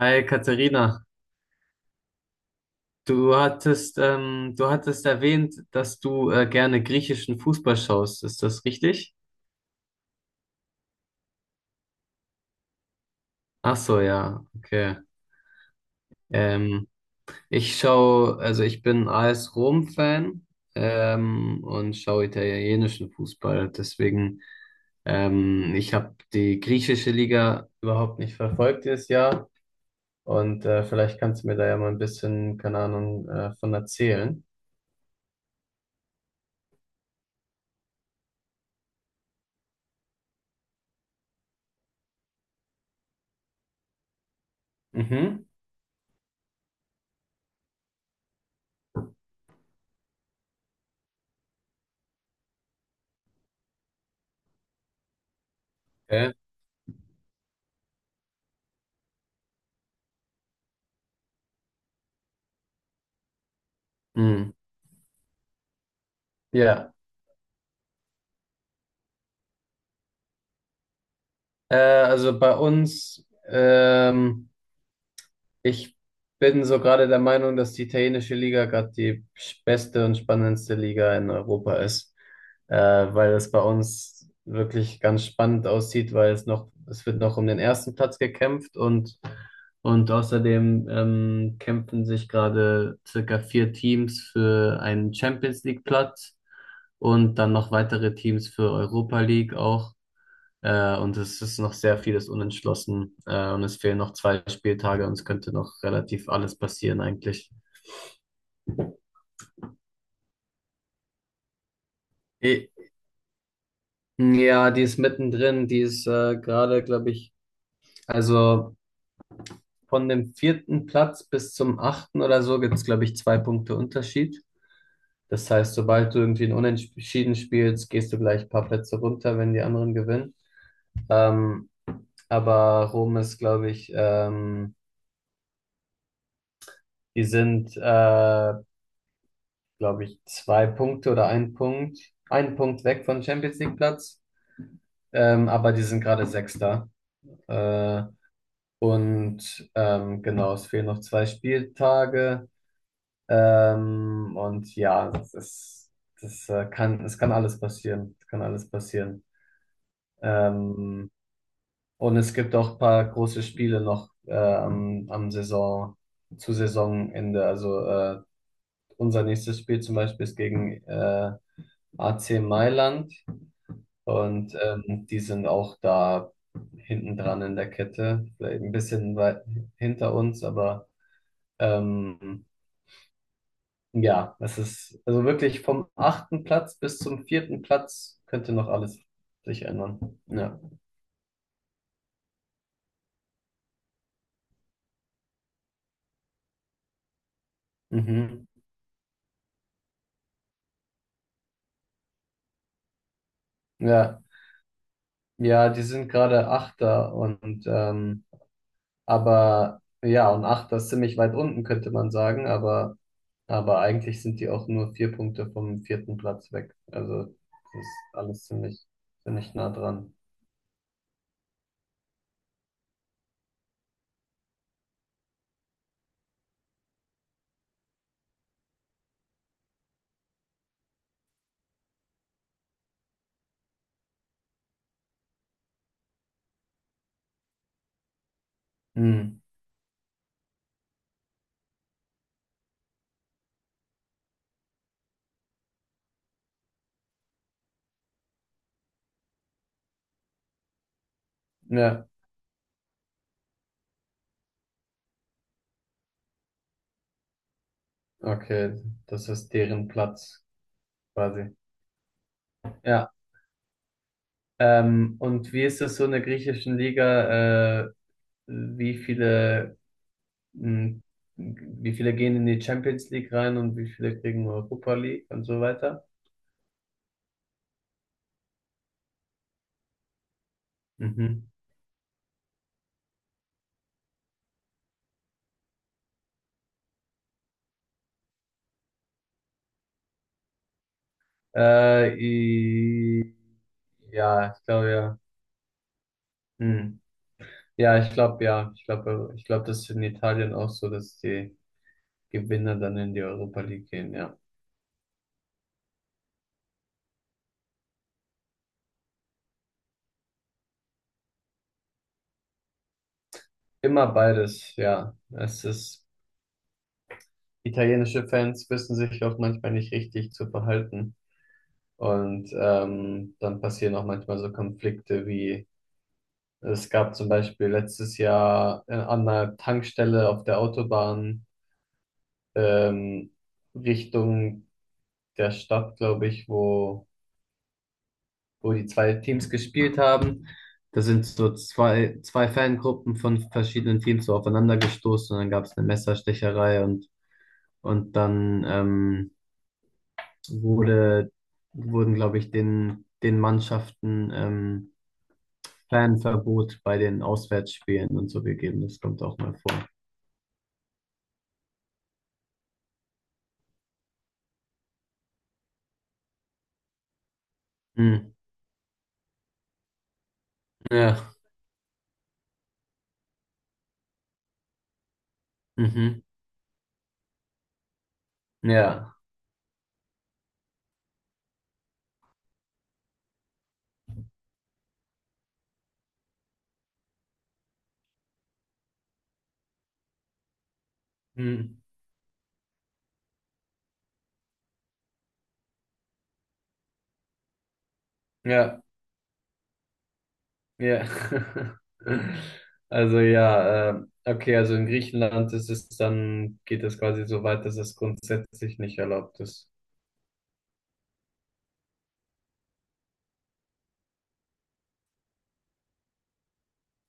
Hi Katharina, du hattest erwähnt, dass du gerne griechischen Fußball schaust. Ist das richtig? Ach so, ja, okay. Ähm, Ich schaue, also ich bin AS Rom-Fan und schaue italienischen Fußball. Ich habe die griechische Liga überhaupt nicht verfolgt dieses Jahr. Und vielleicht kannst du mir da ja mal ein bisschen, keine Ahnung, von erzählen. Mhm. Okay. Mhm. Ja. Also bei uns, ich bin so gerade der Meinung, dass die italienische Liga gerade die beste und spannendste Liga in Europa ist, weil es bei uns wirklich ganz spannend aussieht, weil es wird noch um den ersten Platz gekämpft und außerdem kämpfen sich gerade circa vier Teams für einen Champions League Platz und dann noch weitere Teams für Europa League auch. Und es ist noch sehr vieles unentschlossen. Und es fehlen noch zwei Spieltage und es könnte noch relativ alles passieren eigentlich. Eh, Ja, die ist mittendrin, die ist gerade, glaube ich, also von dem vierten Platz bis zum achten oder so gibt es, glaube ich, zwei Punkte Unterschied. Das heißt, sobald du irgendwie ein Unentschieden spielst, gehst du gleich ein paar Plätze runter, wenn die anderen gewinnen. Ähm, aber Rom ist, glaube ich, die sind glaube ich, zwei Punkte oder ein Punkt weg von Champions League Platz. Aber die sind gerade Sechster. Äh, genau, es fehlen noch zwei Spieltage. Und ja, es kann alles passieren. Es kann alles passieren. Ähm, und es gibt auch ein paar große Spiele noch am zu Saisonende. Also unser nächstes Spiel zum Beispiel ist gegen AC Mailand. Und die sind auch da hinten dran in der Kette, vielleicht ein bisschen weit hinter uns, aber ähm, ja, es ist, also wirklich vom achten Platz bis zum vierten Platz könnte noch alles sich ändern. Ja, mhm. Ja, ja, die sind gerade Achter und aber ja, und Achter ist ziemlich weit unten, könnte man sagen, aber eigentlich sind die auch nur vier Punkte vom vierten Platz weg. Also das ist alles ziemlich, ziemlich nah dran. Hm. Ja, okay, das ist deren Platz quasi. Ja, und wie ist das so in der griechischen Liga? Wie viele, hm, wie viele gehen in die Champions League rein und wie viele kriegen Europa League und so weiter? Mhm. Äh, Ja, ich glaube ja. Hm. Ja, ich glaube ja. Ich glaube, das ist in Italien auch so, dass die Gewinner dann in die Europa League gehen, ja. Immer beides, ja. Italienische Fans wissen sich auch manchmal nicht richtig zu verhalten. Und dann passieren auch manchmal so Konflikte wie, es gab zum Beispiel letztes Jahr an einer Tankstelle auf der Autobahn ähm, Richtung der Stadt, glaube ich, wo wo die zwei Teams gespielt haben. Da sind so zwei Fangruppen von verschiedenen Teams so aufeinander gestoßen und dann gab es eine Messerstecherei und dann wurde, wurden, glaube ich, den Mannschaften Fanverbot bei den Auswärtsspielen und so gegeben. Das kommt auch mal vor. Hm. Ja. Mhm. Ja. Hm. Ja. Ja. Also ja, okay, also in Griechenland ist es dann, geht es quasi so weit, dass es grundsätzlich nicht erlaubt ist.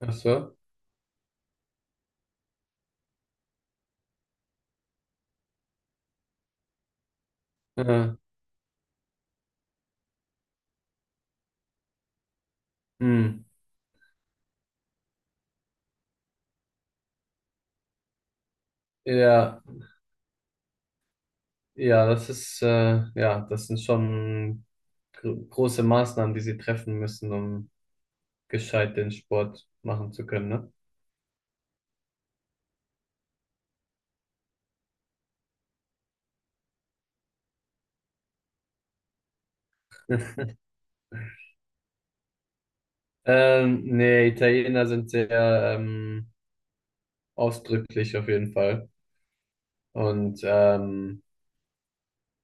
Ach so? Äh, hm. Ja, ja, ja, das sind schon große Maßnahmen, die sie treffen müssen, um gescheit den Sport machen zu können, ne? Nee, Italiener sind sehr ähm, ausdrücklich auf jeden Fall. Und ähm,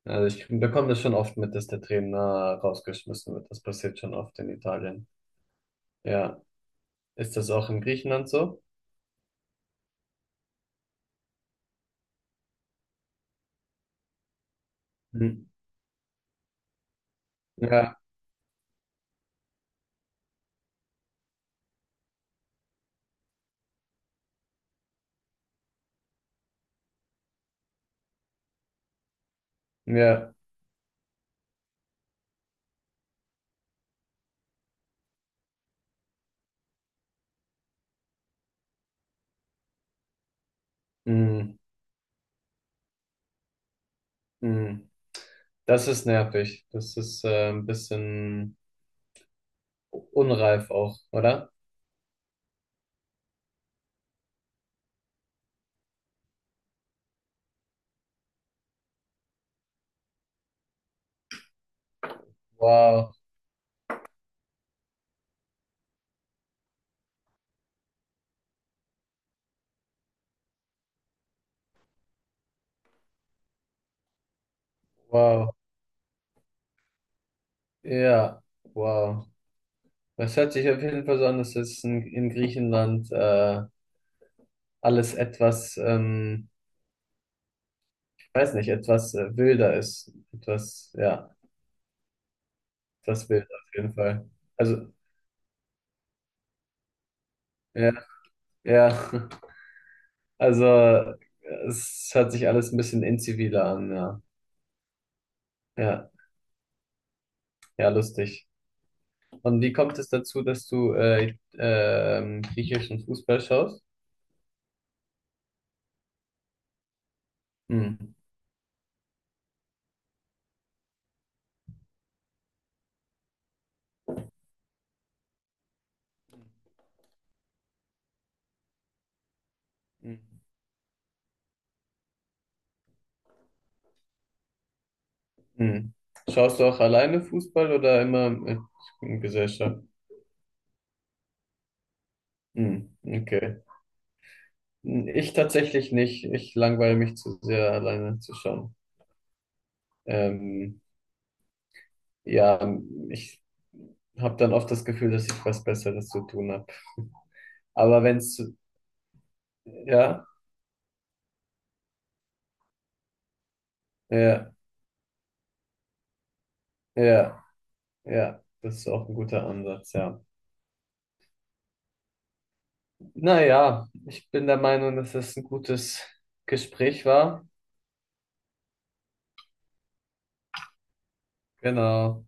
Also ich bekomme das schon oft mit, dass der Trainer rausgeschmissen wird. Das passiert schon oft in Italien. Ja. Ist das auch in Griechenland so? Mhm. Ja, ja. Mm, mm. Das ist nervig. Das ist ein bisschen unreif auch, oder? Wow, wow. Ja, wow. Das hört sich auf jeden Fall so an, dass es in Griechenland alles etwas, ich weiß nicht, etwas wilder ist. Etwas, ja, etwas wilder auf jeden Fall. Also, ja. Ja, also es hört sich alles ein bisschen inziviler an, ja. Ja, ja, lustig. Und wie kommt es dazu, dass du griechischen Fußball schaust? Hm. Mhm. Hm. Schaust du auch alleine Fußball oder immer mit Gesellschaft? Hm. Okay. Hm, ich tatsächlich nicht. Ich langweile mich zu sehr, alleine zu schauen. Ähm, ja, ich habe dann oft das Gefühl, dass ich was Besseres zu tun habe. Aber wenn es, Ja. Ja, ja, ja, das ist auch ein guter Ansatz, ja. Naja, ich bin der Meinung, dass es ein gutes Gespräch war. Genau.